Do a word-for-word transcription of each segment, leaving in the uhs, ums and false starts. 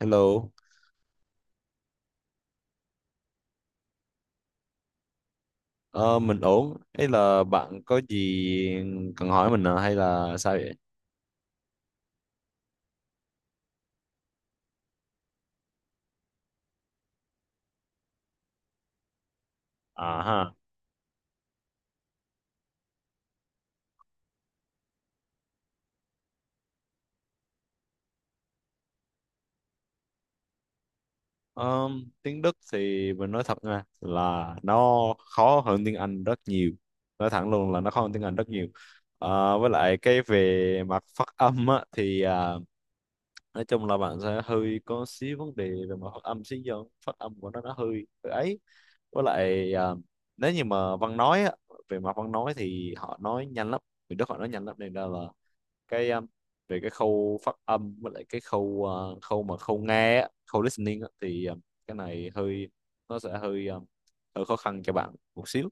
Hello, ờ, mình ổn. Hay là bạn có gì cần hỏi mình à? Hay là sao vậy? À ha. Ờ, Tiếng Đức thì mình nói thật nha là nó khó hơn tiếng Anh rất nhiều. Nói thẳng luôn là nó khó hơn tiếng Anh rất nhiều. Ờ, với lại cái về mặt phát âm á, thì à, nói chung là bạn sẽ hơi có xíu vấn đề về mặt phát âm xíu do phát âm của nó nó hơi hơi ấy. Với lại à, nếu như mà văn nói á, về mặt văn nói thì họ nói nhanh lắm. Người Đức họ nói nhanh lắm nên là cái um, về cái khâu phát âm với lại cái khâu ờ, khâu mà khâu nghe á, khâu listening á, thì um, cái này hơi, nó sẽ hơi um, hơi khó khăn cho bạn một xíu.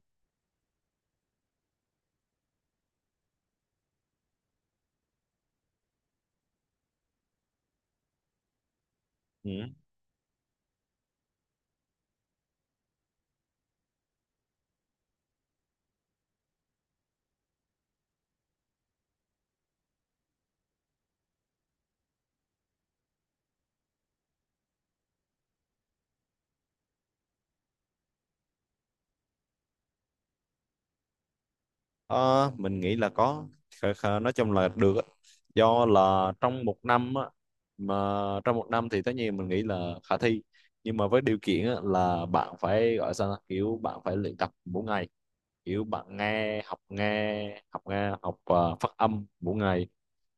Ừ. Ờ, mình nghĩ là có. Khờ- khờ- nói chung là được á. Do là trong một năm á, mà trong một năm thì tất nhiên mình nghĩ là khả thi, nhưng mà với điều kiện á, là bạn phải gọi sao ta? Kiểu bạn phải luyện tập mỗi ngày, kiểu bạn nghe học nghe học nghe học ờ, phát âm mỗi ngày,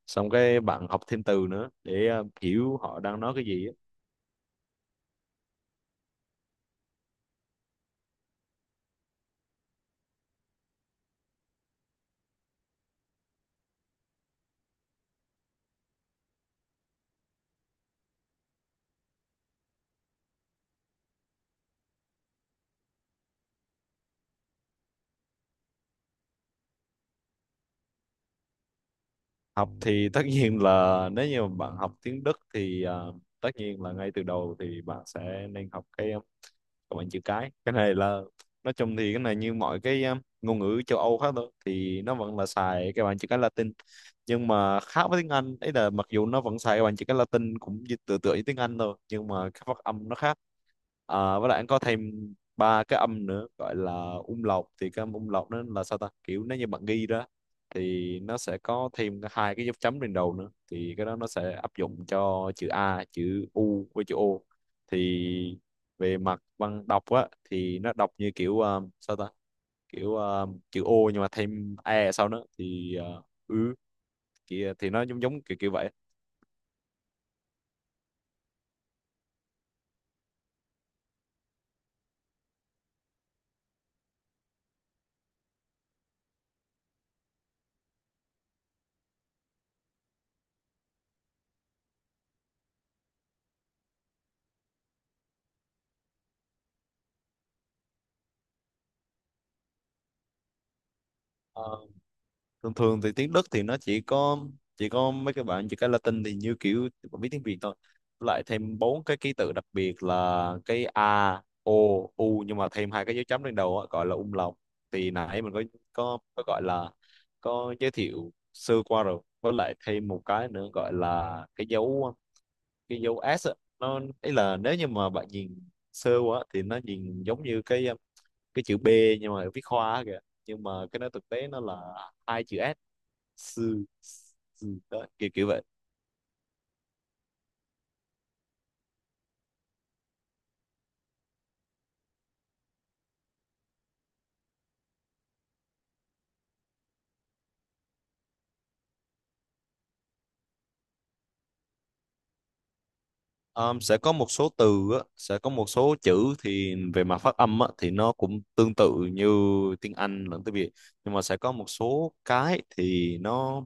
xong cái bạn học thêm từ nữa để ờ, hiểu họ đang nói cái gì á. Học thì tất nhiên là nếu như mà bạn học tiếng Đức thì ờ, tất nhiên là ngay từ đầu thì bạn sẽ nên học cái còn bằng chữ cái. Cái này là nói chung thì cái này như mọi cái um, ngôn ngữ châu Âu khác thôi, thì nó vẫn là xài cái bảng chữ cái Latin. Nhưng mà khác với tiếng Anh ấy là mặc dù nó vẫn xài cái bảng chữ cái Latin cũng như tựa tựa như tiếng Anh thôi, nhưng mà cái phát âm nó khác. À, với lại anh có thêm ba cái âm nữa gọi là umlaut. Thì cái âm umlaut nó là sao ta, kiểu nếu như bạn ghi ra thì nó sẽ có thêm cái- hai cái dấu chấm trên đầu nữa, thì cái đó nó sẽ áp dụng cho chữ A, chữ U với chữ O. Thì về mặt văn đọc á thì nó đọc như kiểu ờ, sao ta, kiểu ờ, chữ O nhưng mà thêm e sau nữa thì ờ, ứ thì, ờ, thì nó giống giống kiểu kiểu vậy. Ờ, Thường thường thì tiếng Đức thì nó chỉ có chỉ có mấy cái bạn chỉ cái Latin thì như kiểu bạn biết tiếng Việt thôi. Với lại thêm bốn cái ký tự đặc biệt là cái A O U nhưng mà thêm hai cái dấu chấm lên đầu á, gọi là um lòng. Thì nãy mình có có có gọi là có giới thiệu sơ qua rồi. Với lại thêm một cái nữa gọi là cái dấu cái dấu S á. Nó ấy là nếu như mà bạn nhìn sơ quá thì nó nhìn giống như cái um, cái chữ B nhưng mà viết hoa kìa, nhưng mà cái nó thực tế nó là hai chữ S: sư, sư đó, kiểu kiểu vậy. Ờ, sẽ có một số từ á, sẽ có một số chữ thì về mặt phát âm á, thì nó cũng tương tự như tiếng Anh lẫn tiếng Việt. Nhưng mà sẽ có một số cái thì nó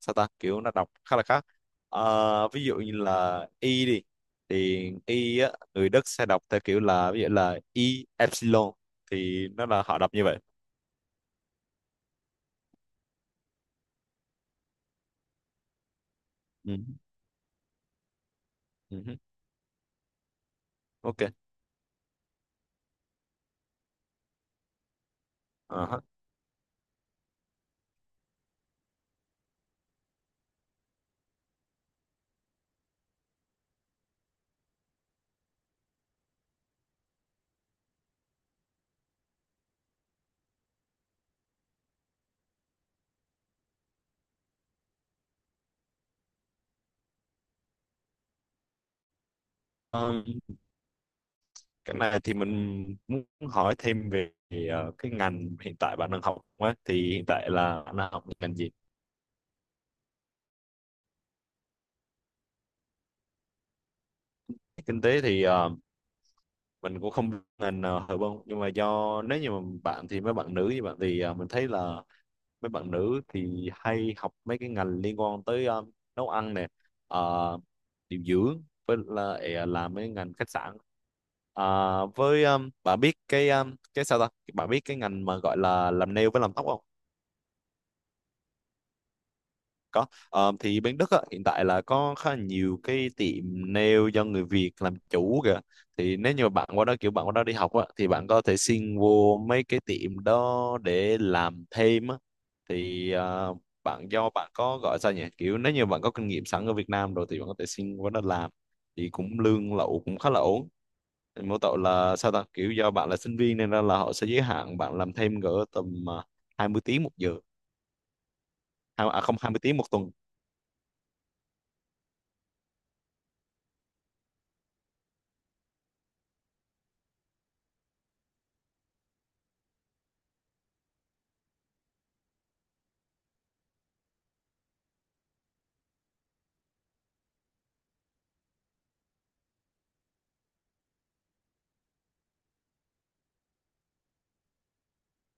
sao ta, kiểu nó đọc khá là khác. Ờ, ví dụ như là y đi, thì y á, người Đức sẽ đọc theo kiểu là, ví dụ là y epsilon, thì nó là họ đọc như vậy. Ừ, ừ, ok. Ờ, cái này thì mình muốn hỏi thêm về ờ, cái ngành hiện tại bạn đang học á, thì hiện tại là bạn đang học ngành gì? Kinh tế thì ờ, mình cũng không biết ngành nào hợp không, nhưng mà do nếu như mà bạn thì mấy bạn nữ như bạn thì ờ, mình thấy là mấy bạn nữ thì hay học mấy cái ngành liên quan tới ờ, nấu ăn nè, ờ, điều dưỡng, với lại là, làm mấy ngành khách sạn. À, với um, bạn biết cái um, cái sao ta, bạn biết cái ngành mà gọi là làm nail với làm tóc không? Có. Ờ, thì bên Đức á, hiện tại là có khá là nhiều cái tiệm nail do người Việt làm chủ kìa. Thì nếu như mà bạn qua đó kiểu bạn qua đó đi học á, thì bạn có thể xin vô mấy cái tiệm đó để làm thêm á. Thì ờ, bạn do bạn có gọi sao nhỉ? Kiểu nếu như bạn có kinh nghiệm sẵn ở Việt Nam rồi thì bạn có thể xin qua đó làm. Thì cũng lương lậu cũng khá là ổn. Thì mỗi tội là sao ta? Kiểu do bạn là sinh viên nên ra là họ sẽ giới hạn bạn làm thêm cỡ tầm ờ, hai mươi tiếng một giờ. Hai- À không, hai mươi tiếng một tuần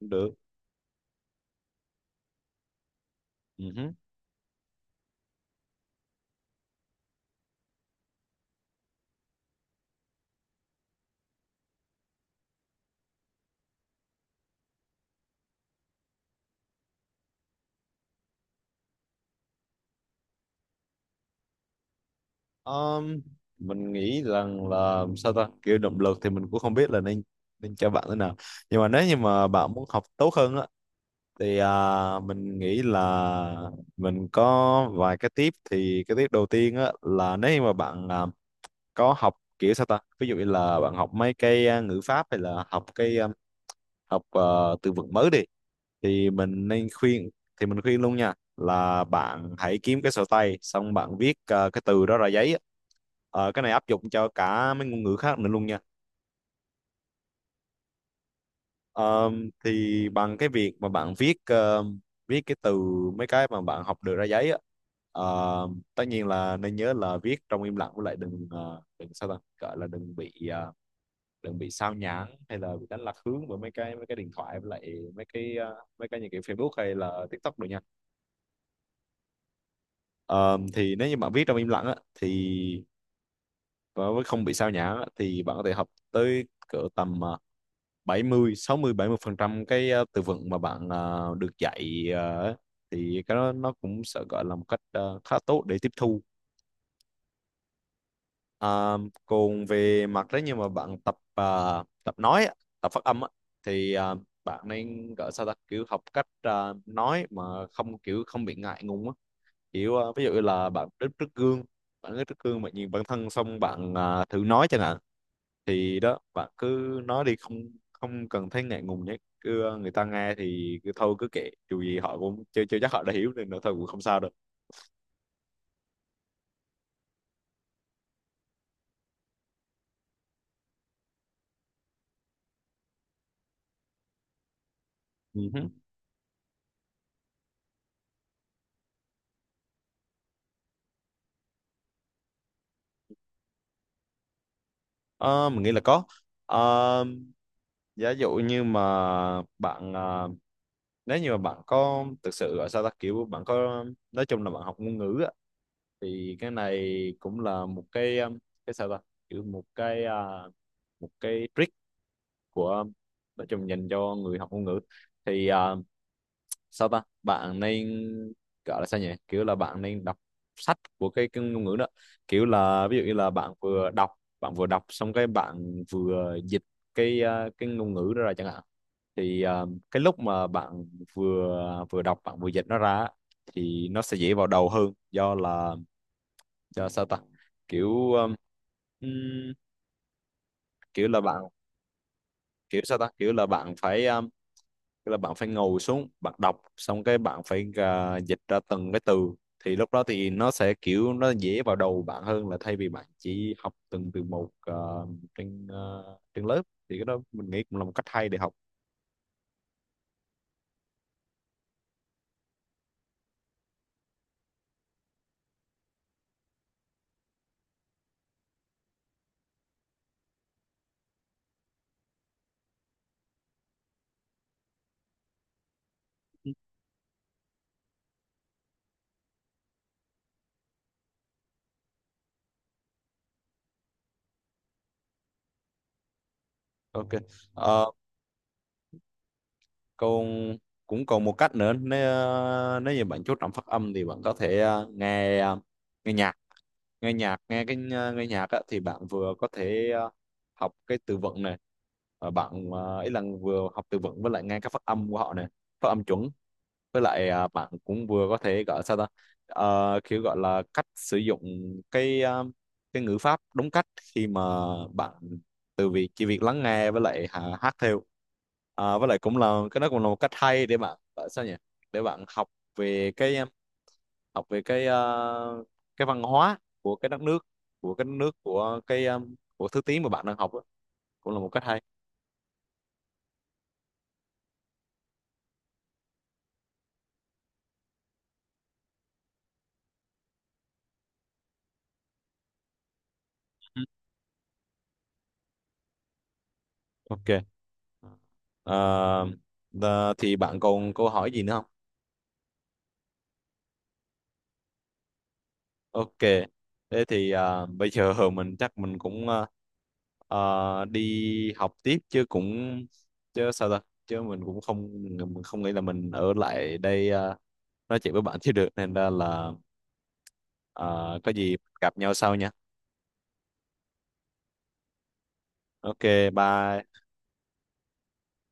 cũng được. Ừ. Ờm, mình nghĩ rằng là sao ta, kiểu động lực thì mình cũng không biết là nên nên cho bạn thế nào. Nhưng mà nếu như mà bạn muốn học tốt hơn á thì à, mình nghĩ là mình có vài cái tip. Thì cái tip đầu tiên á là nếu như mà bạn à, có học kiểu sao ta, ví dụ như là bạn học mấy cái à, ngữ pháp, hay là học cái à, học à, từ vựng mới đi, thì mình nên khuyên thì mình khuyên luôn nha là bạn hãy kiếm cái sổ tay, xong bạn viết ờ, cái từ đó ra giấy á. Ờ, cái này áp dụng cho cả mấy ngôn ngữ khác nữa luôn nha. Ờ, thì bằng cái việc mà bạn viết ờ, viết cái từ, mấy cái mà bạn học được ra giấy á, ờ, tất nhiên là nên nhớ là viết trong im lặng, với lại đừng ờ, đừng sao ta, gọi là đừng bị ờ, đừng bị sao nhãng hay là bị đánh lạc hướng bởi mấy cái mấy cái điện thoại, với lại mấy cái ờ, mấy cái những cái Facebook hay là TikTok được nha. Ờ, thì nếu như bạn viết trong im lặng á, thì và với không bị sao nhãng á, thì bạn có thể học tới cỡ tầm ờ, bảy mươi sáu mươi bảy mươi phần trăm cái ờ, từ vựng mà bạn ờ, được dạy. ờ, thì cái đó nó cũng sẽ gọi là một cách ờ, khá tốt để tiếp thu. Ờ, Còn về mặt đấy như mà bạn tập ờ, tập nói á, tập phát âm á, thì ờ, bạn nên gọi sao ta, kiểu học cách ờ, nói mà không kiểu không bị ngại ngùng á, kiểu ờ, ví dụ là bạn đứng trước gương bạn đứng trước gương bạn nhìn bản thân, xong bạn ờ, thử nói chẳng hạn. Thì đó, bạn cứ nói đi, không không cần thấy ngại ngùng nhé, cứ ờ, người ta nghe thì cứ thôi cứ kệ, dù gì họ cũng chưa chưa chắc họ đã hiểu, nên là thôi cũng không sao đâu. Ừ hứ. Ờ, mình nghĩ là có. Ờ, Giả dụ như mà bạn ờ, nếu như mà bạn có thực sự ở sao ta, kiểu bạn có, nói chung là bạn học ngôn ngữ á, thì cái này cũng là một cái ờ, cái sao ta, kiểu một cái ờ, một cái trick của, nói chung dành cho người học ngôn ngữ. Thì à, sao ta, bạn nên gọi là sao nhỉ, kiểu là bạn nên đọc sách của cái, cái ngôn ngữ đó, kiểu là ví dụ như là bạn vừa đọc bạn vừa đọc xong cái bạn vừa dịch cái à, cái ngôn ngữ đó ra chẳng hạn, thì à, cái lúc mà bạn vừa vừa đọc bạn vừa dịch nó ra á, thì nó sẽ dễ vào đầu hơn do là do sao ta, kiểu um, ừm, kiểu là bạn kiểu sao ta kiểu là bạn phải um, tức là bạn phải ngồi xuống bạn đọc xong cái bạn phải à, dịch ra từng cái từ, thì lúc đó thì nó sẽ kiểu nó dễ vào đầu bạn hơn là thay vì bạn chỉ học từng từ một à, trên à, trên lớp, thì cái đó mình nghĩ cũng là một cách hay để học. Ok. Ờ, Còn cũng còn một cách nữa, nếu à, nếu như bạn chú trọng phát âm thì bạn có thể à, nghe à, nghe nhạc nghe nhạc nghe cái ờ, nghe nhạc á, thì bạn vừa có thể ờ, học cái từ vựng này, và bạn ờ, ý là vừa học từ vựng, với lại nghe các phát âm của họ này, phát âm chuẩn. Với lại ờ, bạn cũng vừa có thể gọi sao ta. Ờ, kiểu gọi là cách sử dụng cái ờ, cái ngữ pháp đúng cách khi mà bạn, từ việc chỉ việc lắng nghe với lại hà- hát theo. Ờ, với lại cũng là cái đó cũng là một cách hay để bạn gọi sao nhỉ, để bạn học về cái học về cái ờ, cái văn hóa của cái đất nước của cái đất nước của cái ờ, của thứ tiếng mà bạn đang học á, cũng là một cách hay. Ừ. Ok. Ờ, ờ, thì bạn còn câu hỏi gì nữa không? Ok. Thế thì ờ, bây giờ mình chắc mình cũng ờ, ờ, đi học tiếp chứ cũng, chứ sao ta, chứ mình cũng không mình không nghĩ là mình ở lại đây ờ, nói chuyện với bạn chứ được, nên ra là ờ, có gì gặp nhau sau nha. Ok. Bye.